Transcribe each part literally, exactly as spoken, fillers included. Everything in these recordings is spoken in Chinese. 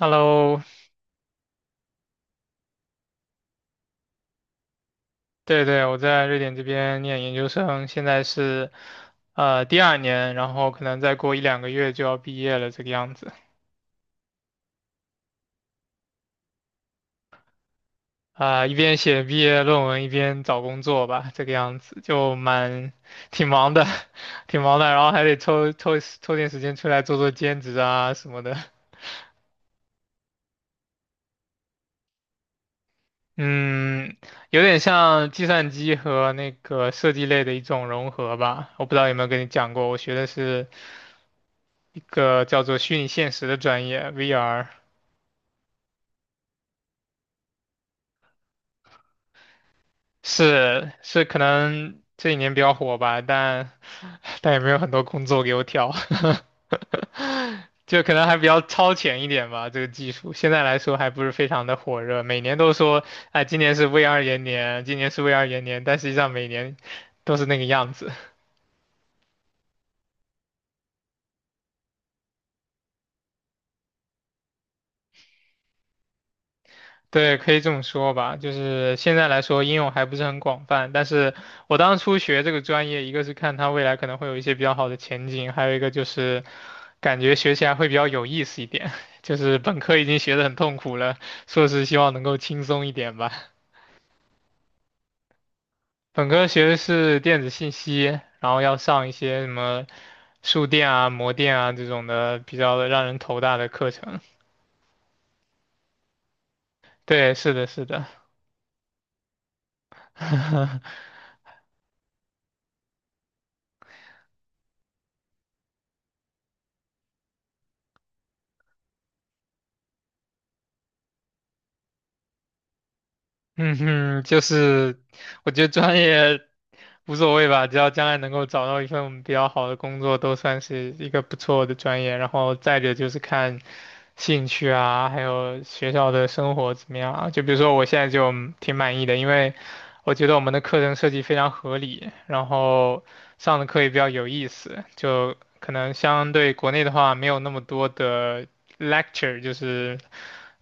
Hello，对对，我在瑞典这边念研究生，现在是呃第二年，然后可能再过一两个月就要毕业了，这个样子。啊、一边写毕业论文，一边找工作吧，这个样子就蛮挺忙的，挺忙的，然后还得抽抽抽点时间出来做做兼职啊什么的。嗯，有点像计算机和那个设计类的一种融合吧，我不知道有没有跟你讲过，我学的是。一个叫做虚拟现实的专业，V R 是是可能这几年比较火吧，但 但也没有很多工作给我挑，就可能还比较超前一点吧。这个技术现在来说还不是非常的火热，每年都说哎，今年是 V R 元年，今年是 V R 元年，但实际上每年都是那个样子。对，可以这么说吧。就是现在来说，应用还不是很广泛。但是我当初学这个专业，一个是看它未来可能会有一些比较好的前景，还有一个就是感觉学起来会比较有意思一点。就是本科已经学得很痛苦了，硕士希望能够轻松一点吧。本科学的是电子信息，然后要上一些什么数电啊、模电啊这种的比较让人头大的课程。对，是的，是的。嗯哼，就是我觉得专业无所谓吧，只要将来能够找到一份比较好的工作，都算是一个不错的专业。然后再者就是看兴趣啊，还有学校的生活怎么样啊。就比如说我现在就挺满意的，因为我觉得我们的课程设计非常合理，然后上的课也比较有意思，就可能相对国内的话没有那么多的 lecture，就是。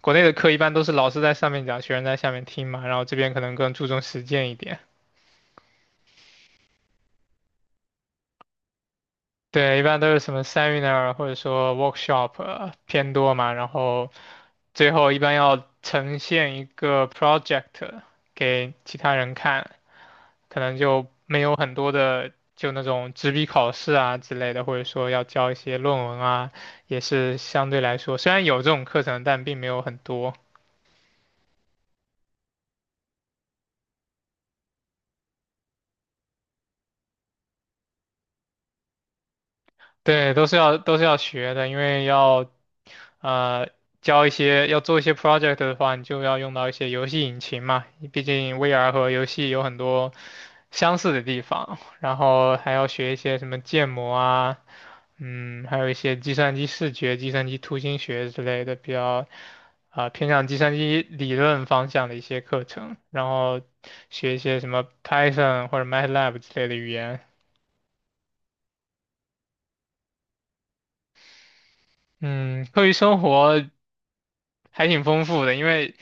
国内的课一般都是老师在上面讲，学生在下面听嘛，然后这边可能更注重实践一点。对，一般都是什么 seminar 或者说 workshop 呃偏多嘛，然后最后一般要呈现一个 project 给其他人看，可能就没有很多的就那种纸笔考试啊之类的，或者说要交一些论文啊，也是相对来说虽然有这种课程，但并没有很多。对，都是要都是要学的，因为要呃教一些要做一些 project 的话，你就要用到一些游戏引擎嘛，毕竟 V R 和游戏有很多相似的地方，然后还要学一些什么建模啊，嗯，还有一些计算机视觉、计算机图形学之类的比较。啊、偏向计算机理论方向的一些课程，然后学一些什么 Python 或者 MATLAB 之类的语言。嗯，课余生活。还挺丰富的，因为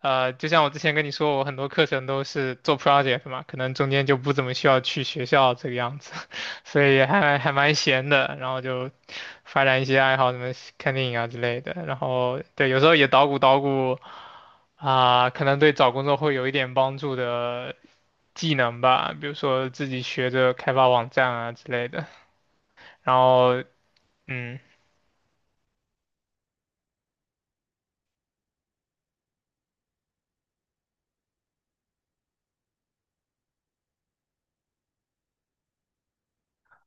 呃，就像我之前跟你说，我很多课程都是做 project 嘛，可能中间就不怎么需要去学校这个样子，所以还还蛮闲的，然后就发展一些爱好，什么看电影啊之类的，然后对，有时候也捣鼓捣鼓啊，可能对找工作会有一点帮助的技能吧，比如说自己学着开发网站啊之类的，然后嗯。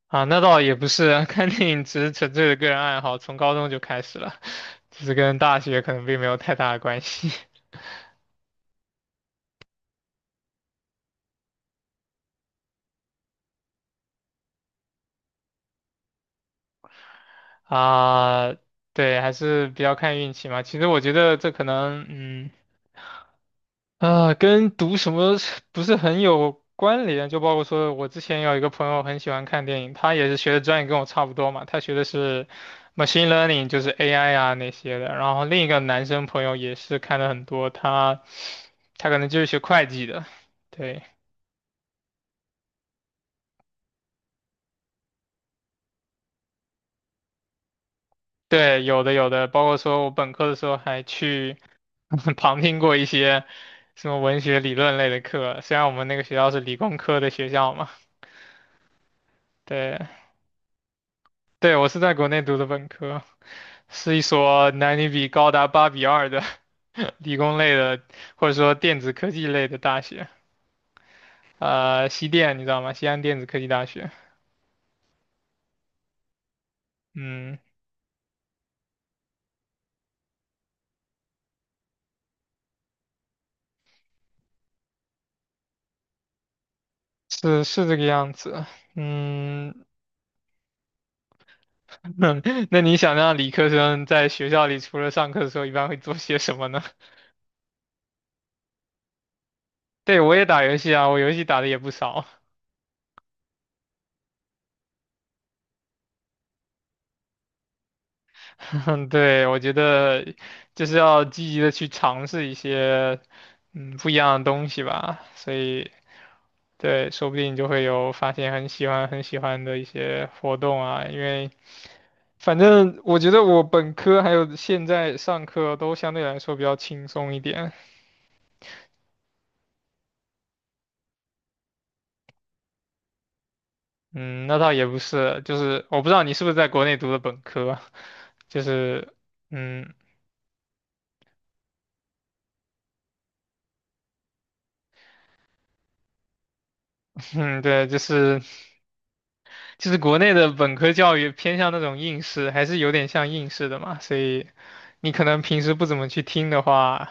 啊，那倒也不是啊，看电影只是纯粹的个人爱好，从高中就开始了，只是跟大学可能并没有太大的关系 啊。对，还是比较看运气嘛。其实我觉得这可能，嗯，啊，跟读什么不是很有关联。就包括说我之前有一个朋友很喜欢看电影，他也是学的专业跟我差不多嘛，他学的是 machine learning，就是 A I 啊那些的。然后另一个男生朋友也是看的很多，他他可能就是学会计的，对。对，有的有的，包括说我本科的时候还去 旁听过一些什么文学理论类的课，虽然我们那个学校是理工科的学校嘛。对，对，我是在国内读的本科，是一所男女比高达八比二的 理工类的，或者说电子科技类的大学。呃，西电你知道吗？西安电子科技大学。嗯，是是这个样子。嗯，那你想让理科生在学校里除了上课的时候，一般会做些什么呢？对，我也打游戏啊，我游戏打的也不少。对，我觉得就是要积极的去尝试一些嗯不一样的东西吧，所以对，说不定就会有发现很喜欢很喜欢的一些活动啊。因为反正我觉得我本科还有现在上课都相对来说比较轻松一点。嗯，那倒也不是，就是我不知道你是不是在国内读的本科，就是嗯 嗯，对，就是。就是国内的本科教育偏向那种应试，还是有点像应试的嘛，所以你可能平时不怎么去听的话，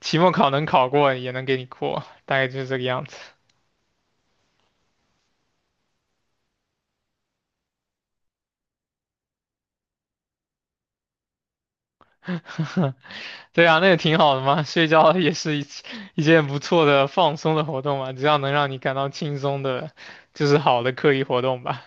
期末考能考过也能给你过，大概就是这个样子。对啊，那也挺好的嘛，睡觉也是一一件不错的放松的活动嘛，只要能让你感到轻松的，就是好的课余活动吧。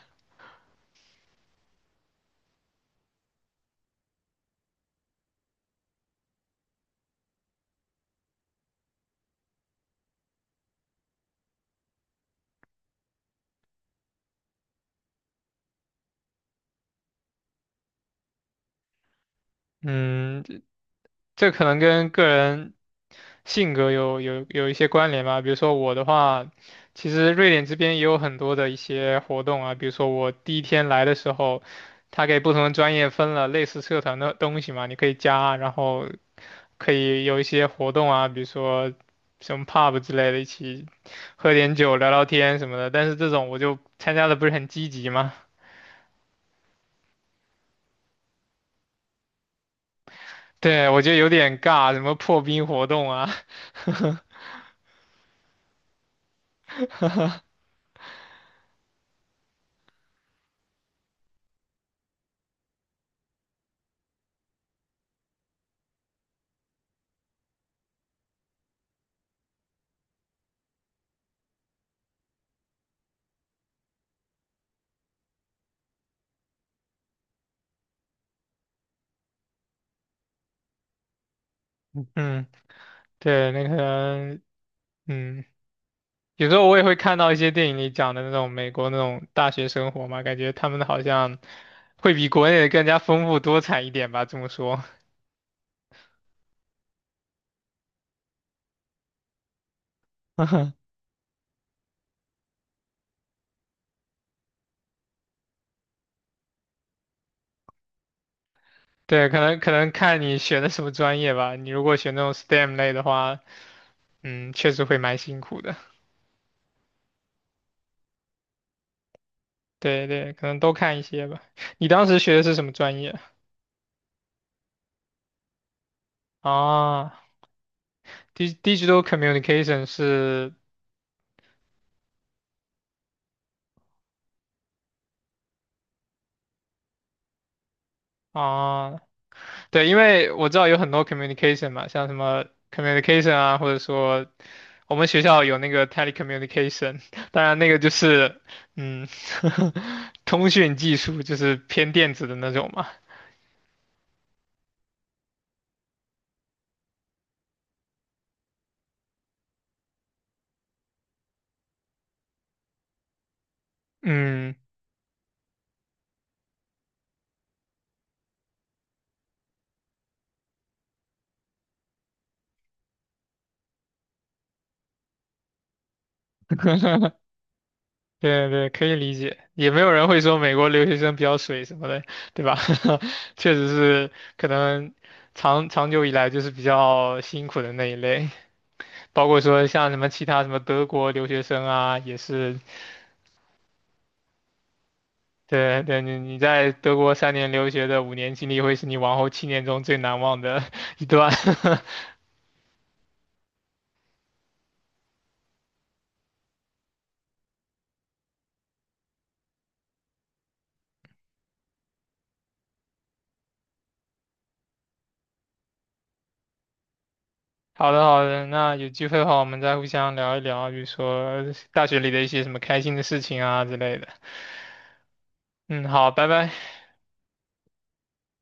嗯，这可能跟个人性格有有有一些关联吧。比如说我的话，其实瑞典这边也有很多的一些活动啊。比如说我第一天来的时候，他给不同的专业分了类似社团的东西嘛，你可以加，然后可以有一些活动啊，比如说什么 pub 之类的，一起喝点酒、聊聊天什么的。但是这种我就参加的不是很积极嘛，对，我觉得有点尬，什么破冰活动啊，嗯。对，那可能，嗯，有时候我也会看到一些电影里讲的那种美国那种大学生活嘛，感觉他们好像会比国内的更加丰富多彩一点吧，这么说。对，可能可能看你选的什么专业吧。你如果选那种 S T E M 类的话，嗯，确实会蛮辛苦的。对对，可能都看一些吧。你当时学的是什么专业啊 d Digital Communication 是啊，对，因为我知道有很多 communication 嘛，像什么 communication 啊，或者说我们学校有那个 telecommunication，当然那个就是嗯，通讯技术就是偏电子的那种嘛。嗯，对对，可以理解，也没有人会说美国留学生比较水什么的，对吧？确实是可能长长久以来就是比较辛苦的那一类，包括说像什么其他什么德国留学生啊，也是对对，你你在德国三年留学的五年经历，会是你往后七年中最难忘的 一段。好的好的，那有机会的话，我们再互相聊一聊，比如说大学里的一些什么开心的事情啊之类的。嗯，好，拜拜。